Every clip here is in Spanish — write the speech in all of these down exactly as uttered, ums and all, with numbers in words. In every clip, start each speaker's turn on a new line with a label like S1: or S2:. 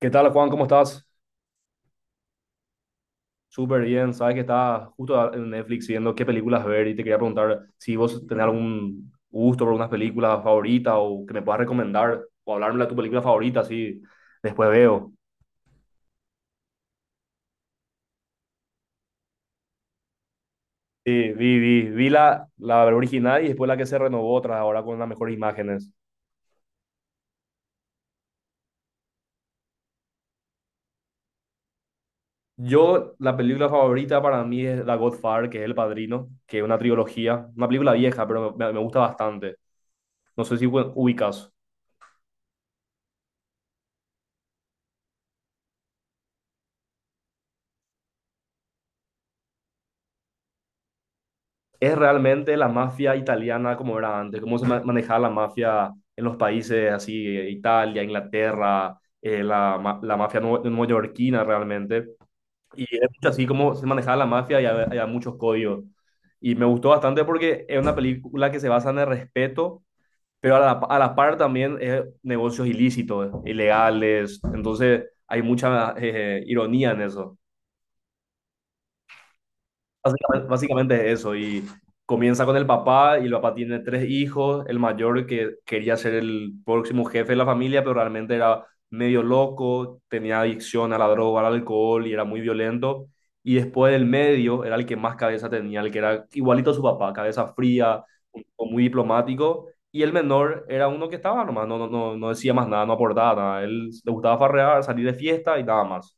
S1: ¿Qué tal, Juan? ¿Cómo estás? Súper bien. Sabes que estaba justo a- en Netflix viendo qué películas ver y te quería preguntar si vos tenés algún gusto por unas películas favoritas o que me puedas recomendar o hablarme de tu película favorita, así después veo. Sí, vi, vi, vi la, la original y después la que se renovó otra ahora con las mejores imágenes. Yo, la película favorita para mí es The Godfather, que es El Padrino, que es una trilogía, una película vieja, pero me, me gusta bastante. No sé si ubicas. Es realmente la mafia italiana como era antes, cómo se ma- manejaba la mafia en los países así, eh, Italia, Inglaterra, eh, la, ma- la mafia nue- neoyorquina realmente. Y es mucho así como se manejaba la mafia, y había, había muchos códigos. Y me gustó bastante porque es una película que se basa en el respeto, pero a la, a la par también es negocios ilícitos, ilegales. Entonces hay mucha eh, ironía en eso. Básicamente, básicamente eso, y comienza con el papá, y el papá tiene tres hijos. El mayor, que quería ser el próximo jefe de la familia, pero realmente era medio loco, tenía adicción a la droga, al alcohol, y era muy violento. Y después el medio era el que más cabeza tenía, el que era igualito a su papá, cabeza fría, un tipo muy diplomático. Y el menor era uno que estaba nomás, no, no, no, no decía más nada, no aportaba nada, él le gustaba farrear, salir de fiesta y nada más.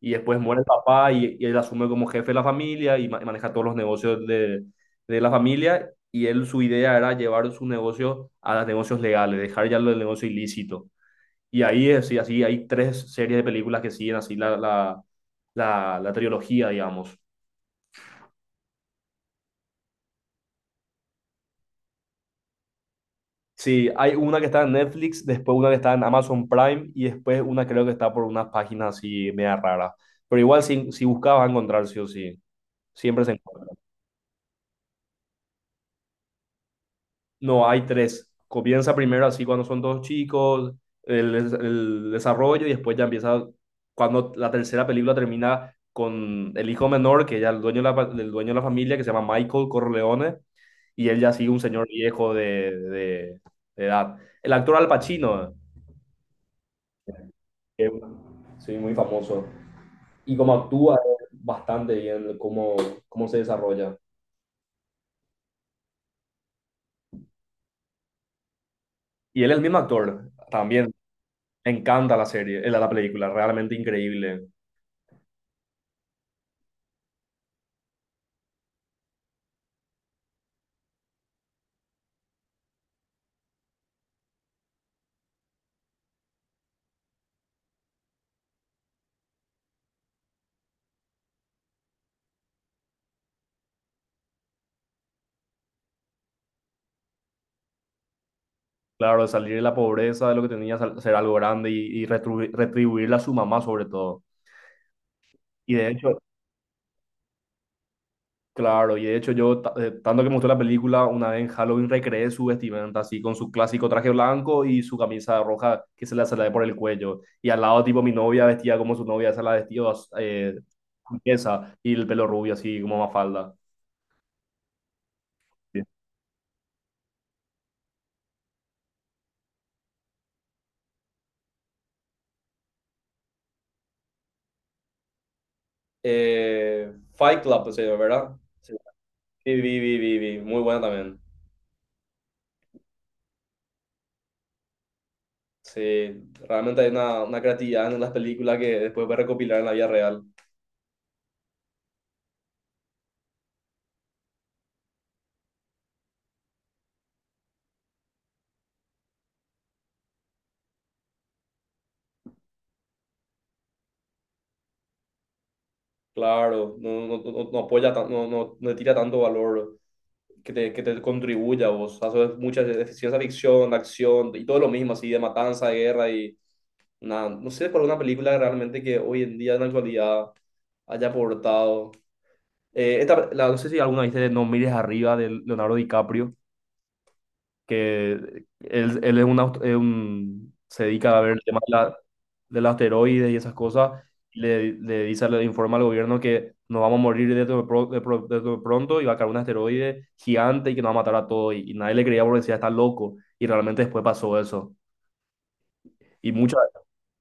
S1: Y después muere el papá, y, y él asume como jefe de la familia, y ma- y maneja todos los negocios de, de, la familia. Y él, su idea era llevar su negocio a los negocios legales, dejar ya lo del negocio ilícito. Y ahí es, y así hay tres series de películas que siguen así la, la, la, la trilogía, digamos. Sí, hay una que está en Netflix, después una que está en Amazon Prime y después una creo que está por unas páginas así media raras. Pero igual, si, si buscabas, a encontrar sí o sí. Siempre se encuentra. No, hay tres. Comienza primero así cuando son dos chicos, el, el desarrollo, y después ya empieza cuando la tercera película termina con el hijo menor, que ya el dueño de la, pa- el dueño de la familia, que se llama Michael Corleone, y él ya sigue un señor viejo de, de- de edad. El actor Al Pacino, que es, sí, muy famoso, y como actúa eh, bastante bien, cómo, cómo se desarrolla. Y él es el mismo actor también. Me encanta la serie, eh, la la película, realmente increíble. Claro, de salir de la pobreza, de lo que tenía, sal- ser algo grande, y, y retru- retribuirle a su mamá sobre todo. Y de hecho, claro, y de hecho yo, ta- eh, tanto que me gustó la película, una vez en Halloween recreé su vestimenta así, con su clásico traje blanco y su camisa roja que se le sale por el cuello. Y al lado, tipo, mi novia vestía como su novia, se la vestía, eh, esa, y el pelo rubio así como Mafalda. Sí. Eh, Fight Club, ¿se, verdad? Sí. Sí, vi, vi, vi, vi. Muy buena también. Sí, realmente hay una, una creatividad en las películas que después puedes recopilar en la vida real. Claro, no, no, no, no apoya, tan- no, no, no le tira tanto valor, que te, que te contribuya a vos. Haces mucha de- de ciencia ficción, acción y todo lo mismo, así de matanza, de guerra, y nada. No sé por una película realmente que hoy en día, en la actualidad, haya aportado. Eh, esta, la, no sé si alguna viste de No Mires Arriba, de Leonardo DiCaprio, que él, él es un, aust- es un- se dedica a ver el tema de la, del asteroides y esas cosas, y le, le dice, le informa al gobierno que nos vamos a morir de, esto de, pro- de pro- de esto de pronto, y va a caer un asteroide gigante y que nos va a matar a todos, y, y nadie le creía porque decía, está loco, y realmente después pasó eso. Y, mucha,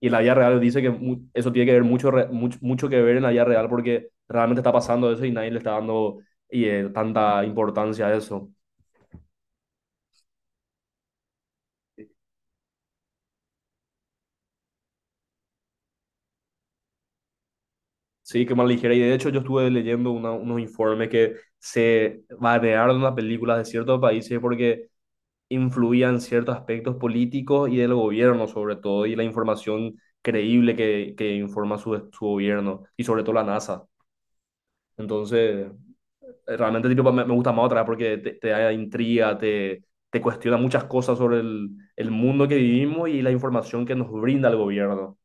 S1: y la vida real dice que mu- eso tiene que ver mucho, re- mucho, mucho que ver en la vida real, porque realmente está pasando eso y nadie le está dando, y, eh, tanta importancia a eso. Sí, qué mal ligera. Y de hecho, yo estuve leyendo una- unos informes que se banearon las películas de ciertos países porque influían ciertos aspectos políticos y del gobierno sobre todo, y la información creíble que, que informa su, su gobierno, y sobre todo la NASA. Entonces, realmente, tipo, me, me gusta más otra porque te, te da intriga, te, te cuestiona muchas cosas sobre el, el mundo que vivimos y la información que nos brinda el gobierno.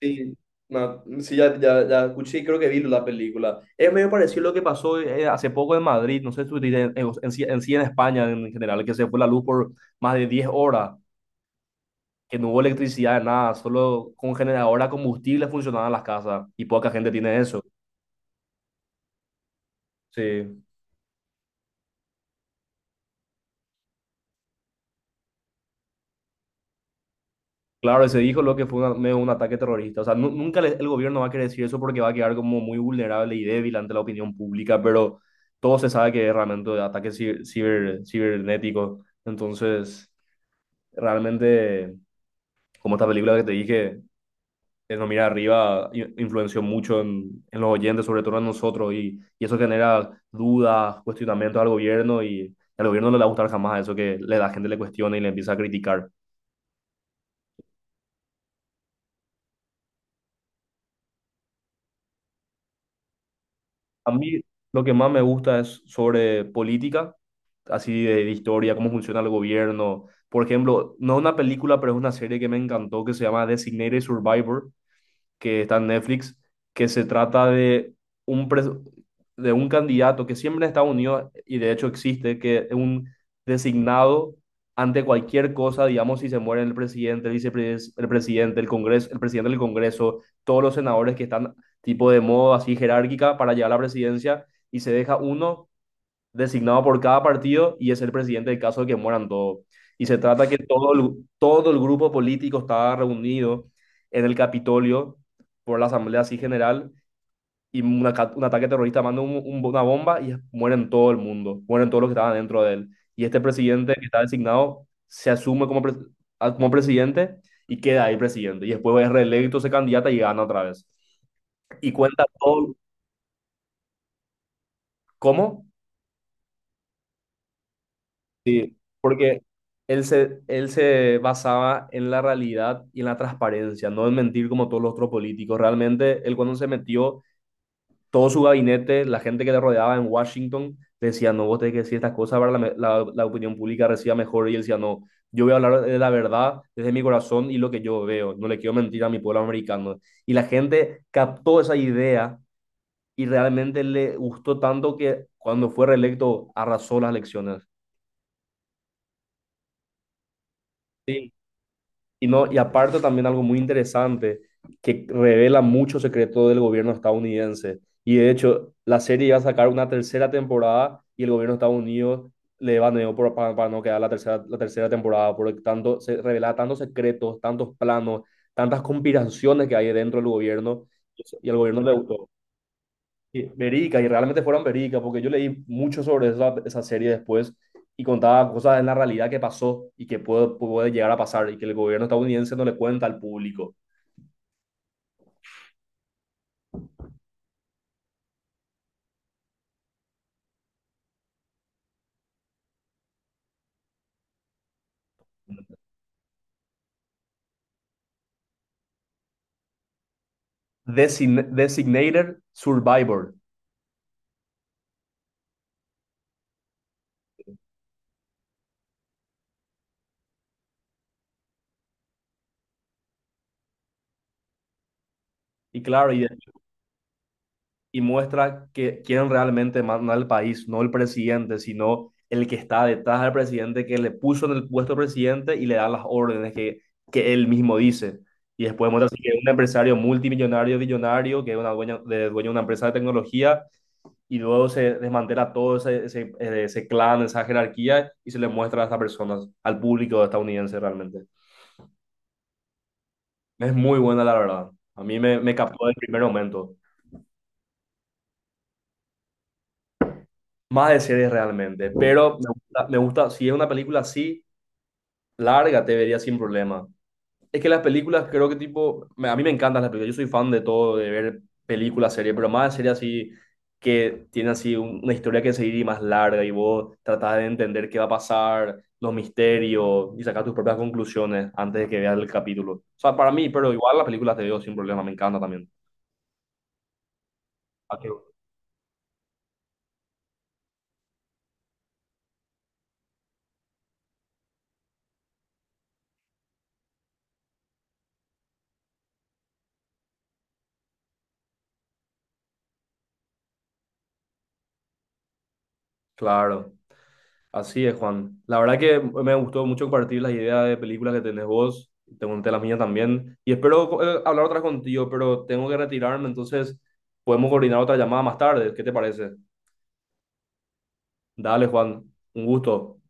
S1: Sí, no, sí, ya, ya, ya escuché, y creo que vi la película. Es medio parecido a lo que pasó eh, hace poco en Madrid, no sé si en, en, sí en sí en España en general, que se fue la luz por más de diez horas, que no hubo electricidad, nada, solo con generador a combustible funcionaban las casas y poca gente tiene eso. Sí, claro, se dijo lo que fue una- medio un ataque terrorista. O sea, nu- nunca le- el gobierno va a querer decir eso, porque va a quedar como muy vulnerable y débil ante la opinión pública, pero todo se sabe que es realmente ataque ciber, ciber- cibernético. Entonces, realmente, como esta película que te dije, El No Mira Arriba, i- influenció mucho en, en, los oyentes, sobre todo en nosotros, y, y eso genera dudas, cuestionamientos al gobierno, y al gobierno no le va a gustar jamás eso, que le- la gente le cuestione y le empieza a criticar. A mí lo que más me gusta es sobre política, así de, de historia, cómo funciona el gobierno. Por ejemplo, no una película, pero es una serie que me encantó, que se llama Designated Survivor, que está en Netflix, que se trata de un, pres- de un candidato que siempre en Estados Unidos, y de hecho existe, que es un designado ante cualquier cosa. Digamos, si se muere el presidente, el vicepresidente, el presidente, el Congreso, el presidente del Congreso, todos los senadores que están tipo de modo así jerárquica para llegar a la presidencia, y se deja uno designado por cada partido, y es el presidente en caso de que mueran todos. Y se trata que todo el, todo el grupo político estaba reunido en el Capitolio por la Asamblea así general, y un, un ataque terrorista manda un- un- una bomba, y mueren todo el mundo, mueren todos los que estaban dentro de él. Y este presidente que está designado se asume como, pre- ah, como presidente, y queda ahí presidente. Y después es reelecto, se candidata y gana otra vez. Y cuenta todo. ¿Cómo? Sí, porque él se, él se basaba en la realidad y en la transparencia, no en mentir como todos los otros políticos. Realmente, él, cuando se metió, todo su gabinete, la gente que le rodeaba en Washington, decía, no, vos tenés que decir estas cosas para que la, me- la- la opinión pública reciba mejor. Y él decía, no, yo voy a hablar de la verdad desde mi corazón y lo que yo veo. No le quiero mentir a mi pueblo americano. Y la gente captó esa idea y realmente le gustó tanto que cuando fue reelecto arrasó las elecciones. Y no, y aparte, también algo muy interesante, que revela mucho secreto del gobierno estadounidense. Y de hecho, la serie iba a sacar una tercera temporada y el gobierno de Estados Unidos le baneó por, para, para no quedar la tercera, la tercera temporada, porque tanto, se revelaba tantos secretos, tantos planos, tantas conspiraciones que hay dentro del gobierno, y al gobierno le gustó. Y Verica, y realmente fueron Verica, porque yo leí mucho sobre esa, esa serie después, y contaba cosas en la realidad que pasó y que puede, puede llegar a pasar, y que el gobierno estadounidense no le cuenta al público. Design- Designated Survivor. Y claro, y y muestra que quién realmente manda al país, no el presidente, sino el que está detrás del presidente, que le puso en el puesto presidente y le da las órdenes que, que él mismo dice. Y después muestra así que es un empresario multimillonario, billonario, que es una dueña, de, dueño de una empresa de tecnología, y luego se desmantela todo ese, ese, eh, ese clan, esa jerarquía, y se le muestra a estas personas, al público estadounidense realmente. Es muy buena, la verdad. A mí me, me captó desde el primer momento. Más de series realmente, pero me gusta, me gusta, si es una película así, larga, te vería sin problema. Es que las películas, creo que, tipo, me- a mí me encantan las películas, yo soy fan de todo, de ver películas, series, pero más de series así, que tiene así un- una historia que seguir y más larga y vos tratás de entender qué va a pasar, los misterios, y sacar tus propias conclusiones antes de que veas el capítulo. O sea, para mí, pero igual las películas te veo sin problema, me encanta también. Ah, qué- Claro. Así es, Juan. La verdad que me gustó mucho compartir las ideas de películas que tenés vos. Te conté las mías también. Y espero eh, hablar otra contigo, pero tengo que retirarme, entonces podemos coordinar otra llamada más tarde. ¿Qué te parece? Dale, Juan. Un gusto.